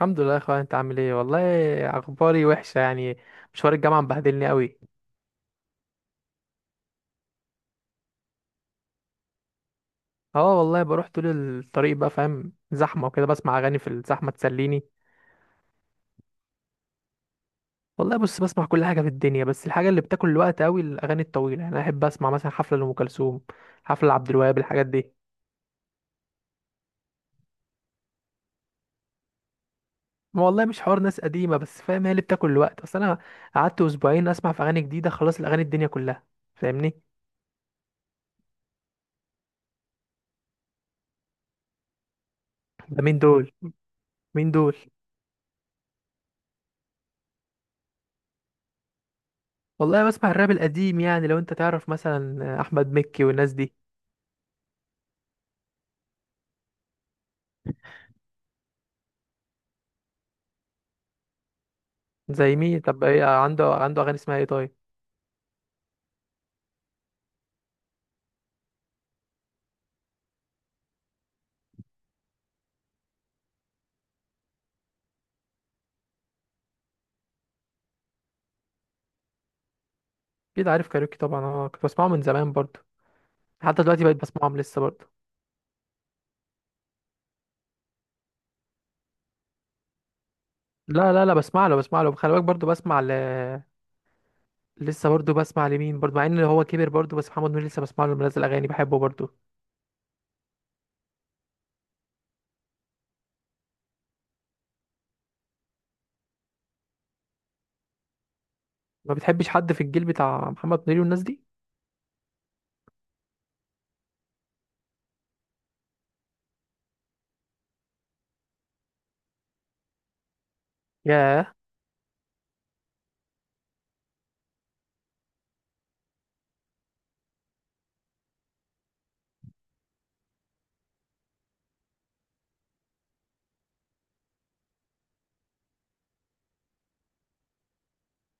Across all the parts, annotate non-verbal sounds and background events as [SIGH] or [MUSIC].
الحمد لله يا اخويا، انت عامل ايه والله. اخباري وحشه يعني، مشوار الجامعه مبهدلني قوي. اه والله بروح طول الطريق بقى، فاهم؟ زحمه وكده، بسمع اغاني في الزحمه تسليني. والله بص، بسمع كل حاجه في الدنيا، بس الحاجه اللي بتاكل الوقت قوي الاغاني الطويله. يعني انا احب اسمع مثلا حفله لام كلثوم، حفله لعبد الوهاب، الحاجات دي. ما والله مش حوار ناس قديمه، بس فاهم هي اللي بتاكل الوقت. اصل انا قعدت اسبوعين اسمع في اغاني جديده خلاص، الاغاني الدنيا كلها، فاهمني؟ ده مين دول؟ مين دول؟ والله بسمع الراب القديم يعني، لو انت تعرف مثلا احمد مكي والناس دي. زي مين طب؟ ايه عنده؟ عنده اغاني اسمها ايه طيب؟ اكيد عارف كاريوكي طبعا، انا كنت بسمعه من زمان برضو، حتى دلوقتي بقيت بسمعهم لسه برضو. لا، بسمع له، بسمع له، خلي بالك، برضو بسمع ل... لسه برضو بسمع لمين برضو، مع ان هو كبر برضو، بس محمد منير لسه بسمع له، منزل اغاني بحبه برضو. ما بتحبش حد في الجيل بتاع محمد منير والناس دي؟ ياه.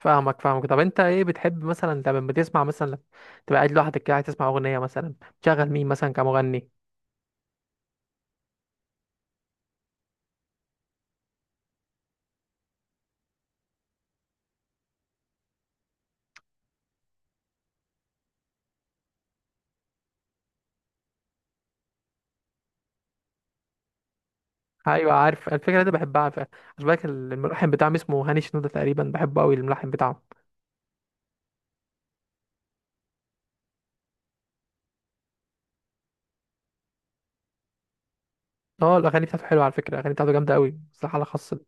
فاهمك، فاهمك. طب انت ايه بتحب مثلا؟ انت لما بتسمع مثلا، لما تبقى قاعد لوحدك كده عايز تسمع اغنيه مثلا، تشغل مين مثلا كمغني؟ ايوه، عارف الفكره دي بحبها. عارف عشان بالك، الملحن بتاعهم اسمه هاني شنودة تقريبا، بحبه قوي الملحن بتاعه. اه الاغاني بتاعته حلوه على فكره، الاغاني بتاعته جامده قوي، بس حاله خاصه.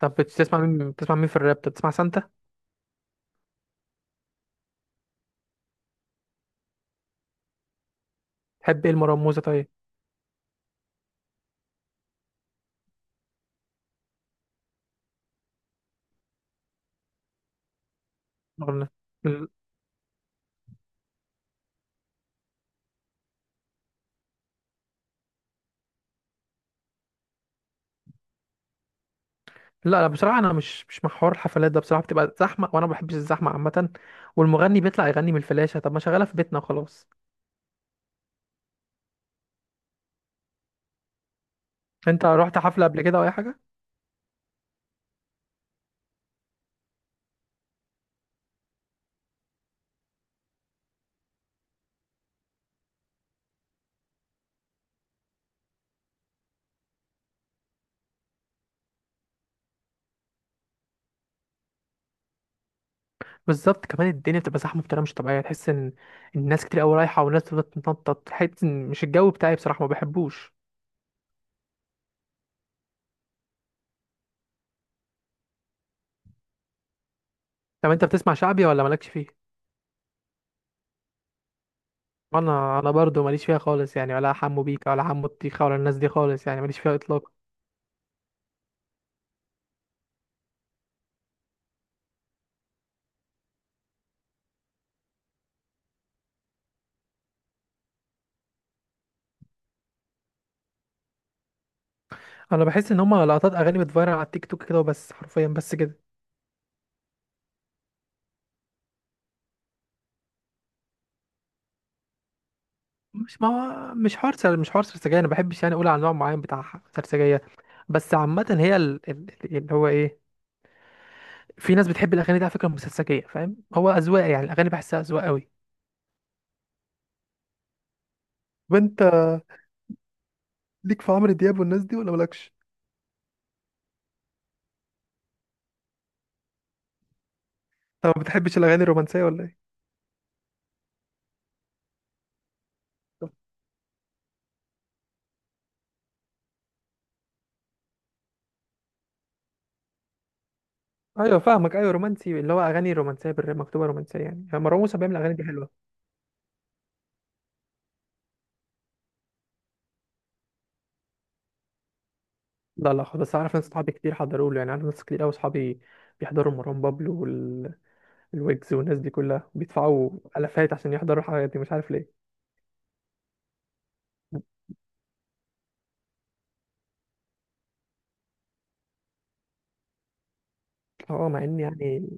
طب بتسمع مين؟ بتسمع مين في الراب؟ طب بتسمع سانتا؟ تحب ايه المرموزه طيب؟ أغنية. ال-. لا، بصراحه انا مش مع حوار الحفلات ده، بصراحه بتبقى زحمه، وانا ما بحبش الزحمه عامه. والمغني بيطلع يغني من الفلاشه، طب ما شغاله في بيتنا وخلاص. انت رحت حفله قبل كده او اي حاجه؟ بالظبط. كمان الدنيا بتبقى زحمه بطريقه مش طبيعيه، تحس ان الناس كتير قوي رايحه، والناس بتفضل تتنطط، تحس ان مش الجو بتاعي بصراحه، ما بحبوش. طب انت بتسمع شعبي ولا مالكش فيه؟ انا، انا برضو ماليش فيها خالص يعني، ولا حمو بيكا، ولا حمو الطيخه، ولا الناس دي خالص، يعني ماليش فيها اطلاقا. انا بحس ان هما لقطات اغاني بتفيرل على التيك توك كده وبس، حرفيا بس كده. مش، ما هو مش حوار سر، مش حوار سرسجيه، انا ما بحبش يعني اقول على نوع معين بتاع ح- سرسجيه. بس عامه هي ال- ال- اللي هو ايه، في ناس بتحب الاغاني دي على فكره مسلسجيه، فاهم؟ هو اذواق يعني، الاغاني بحسها اذواق قوي. وانت ليك في عمرو دياب والناس دي ولا مالكش؟ طب ما بتحبش الاغاني الرومانسيه ولا ايه؟ طب. ايوه فاهمك، ايوه رومانسي اللي هو اغاني رومانسيه بالر- مكتوبه رومانسيه يعني. يعني مروان موسى بيعمل اغاني دي حلوه. لا، خ- بس اعرف ناس صحابي كتير حضروا له، يعني عارف ناس كتير قوي صحابي بيحضروا مروان بابلو والويجز والناس دي كلها، بيدفعوا الافات عشان يحضروا الحاجات دي، مش عارف ليه. اه مع ان يعني،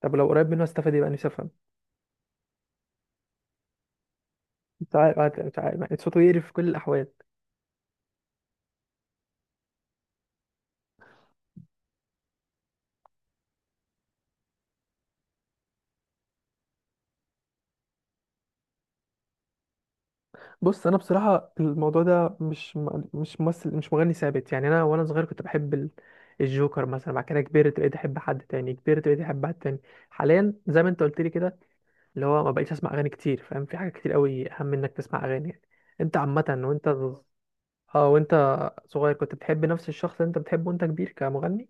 طب لو قريب منه استفاد، يبقى نفسي افهم. مش عارف، مش عارف، صوته يقرف في كل الاحوال. بص انا بصراحه الموضوع ده مش م- مش ممثل مش مغني ثابت يعني، انا وانا صغير كنت بحب ال- الجوكر مثلا، بعد كده كبرت بقيت احب حد تاني، كبرت بقيت احب حد تاني. حاليا زي ما انت قلت لي كده، اللي هو ما بقيتش اسمع اغاني كتير، فاهم؟ في حاجه كتير قوي اهم انك تسمع اغاني يعني. انت عامه، وانت، اه، وانت صغير كنت بتحب نفس الشخص اللي انت بتحبه وانت كبير كمغني؟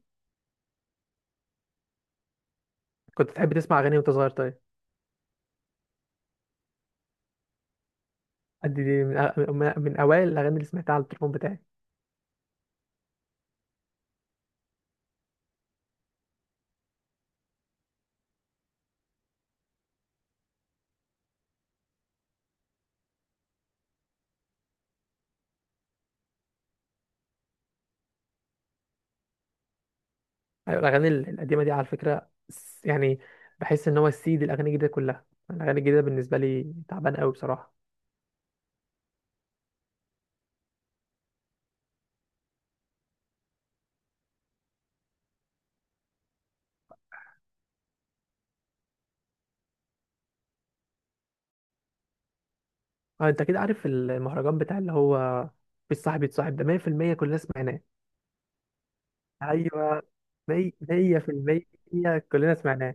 كنت بتحب تسمع اغاني وانت صغير طيب؟ دي، دي من أ- من اوائل الاغاني اللي سمعتها على التليفون بتاعي. أيوة، الاغاني ال- القديمه دي على فكره س- يعني بحس ان هو السيد، الاغاني الجديده كلها، الاغاني الجديده بالنسبه لي تعبان قوي بصراحه. اه انت كده عارف المهرجان بتاع اللي هو مفيش صاحب يتصاحب ده؟ 100% كلنا سمعناه. ايوه، 100% كلنا سمعناه.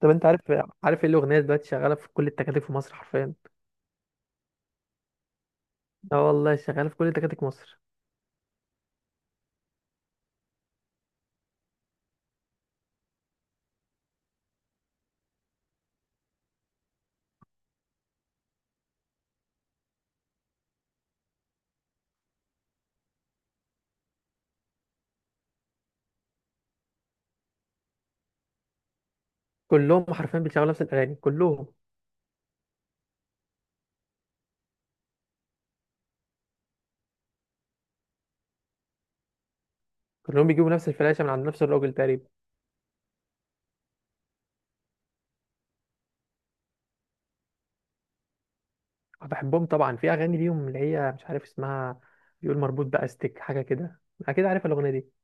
طب انت عارف، عارف ايه الاغنيه دلوقتي شغاله في كل التكاتك في مصر حرفيا؟ اه والله شغاله في كل تكاتك مصر. كلهم حرفيا بيشغلوا نفس الاغاني كلهم، كلهم بيجيبوا نفس الفلاشه من عند نفس الراجل تقريبا. آه، بحبهم طبعا، في اغاني ليهم اللي هي مش عارف اسمها، بيقول مربوط باستك حاجه كده، اكيد عارف الاغنيه دي.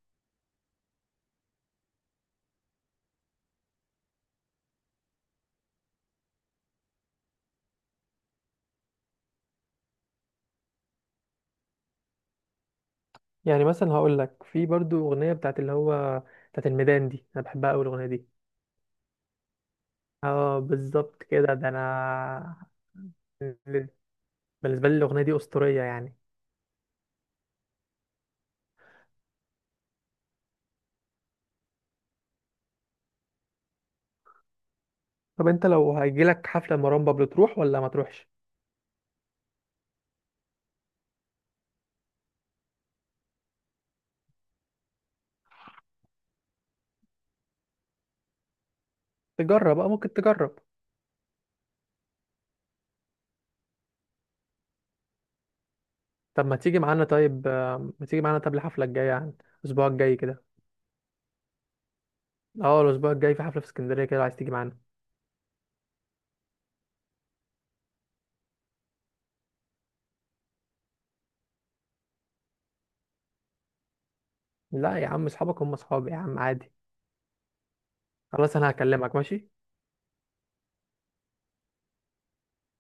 يعني مثلا هقول لك، في برضو اغنيه بتاعت اللي هو بتاعت الميدان دي، انا بحبها قوي الاغنيه دي. اه بالظبط كده، ده انا [LAUGHS] بالنسبه لي الاغنيه دي اسطوريه يعني. طب انت لو هيجيلك حفله مروان بابلو تروح ولا ما تروحش؟ تجرب، اه ممكن تجرب. طب ما تيجي معانا طيب؟ آه، ما تيجي معانا طب الحفله الجايه يعني، الاسبوع الجاي كده. اه الاسبوع الجاي في حفله في اسكندريه كده، لو عايز تيجي معانا. لا يا عم، اصحابك هم اصحابي يا عم، عادي. خلاص انا هكلمك، ماشي.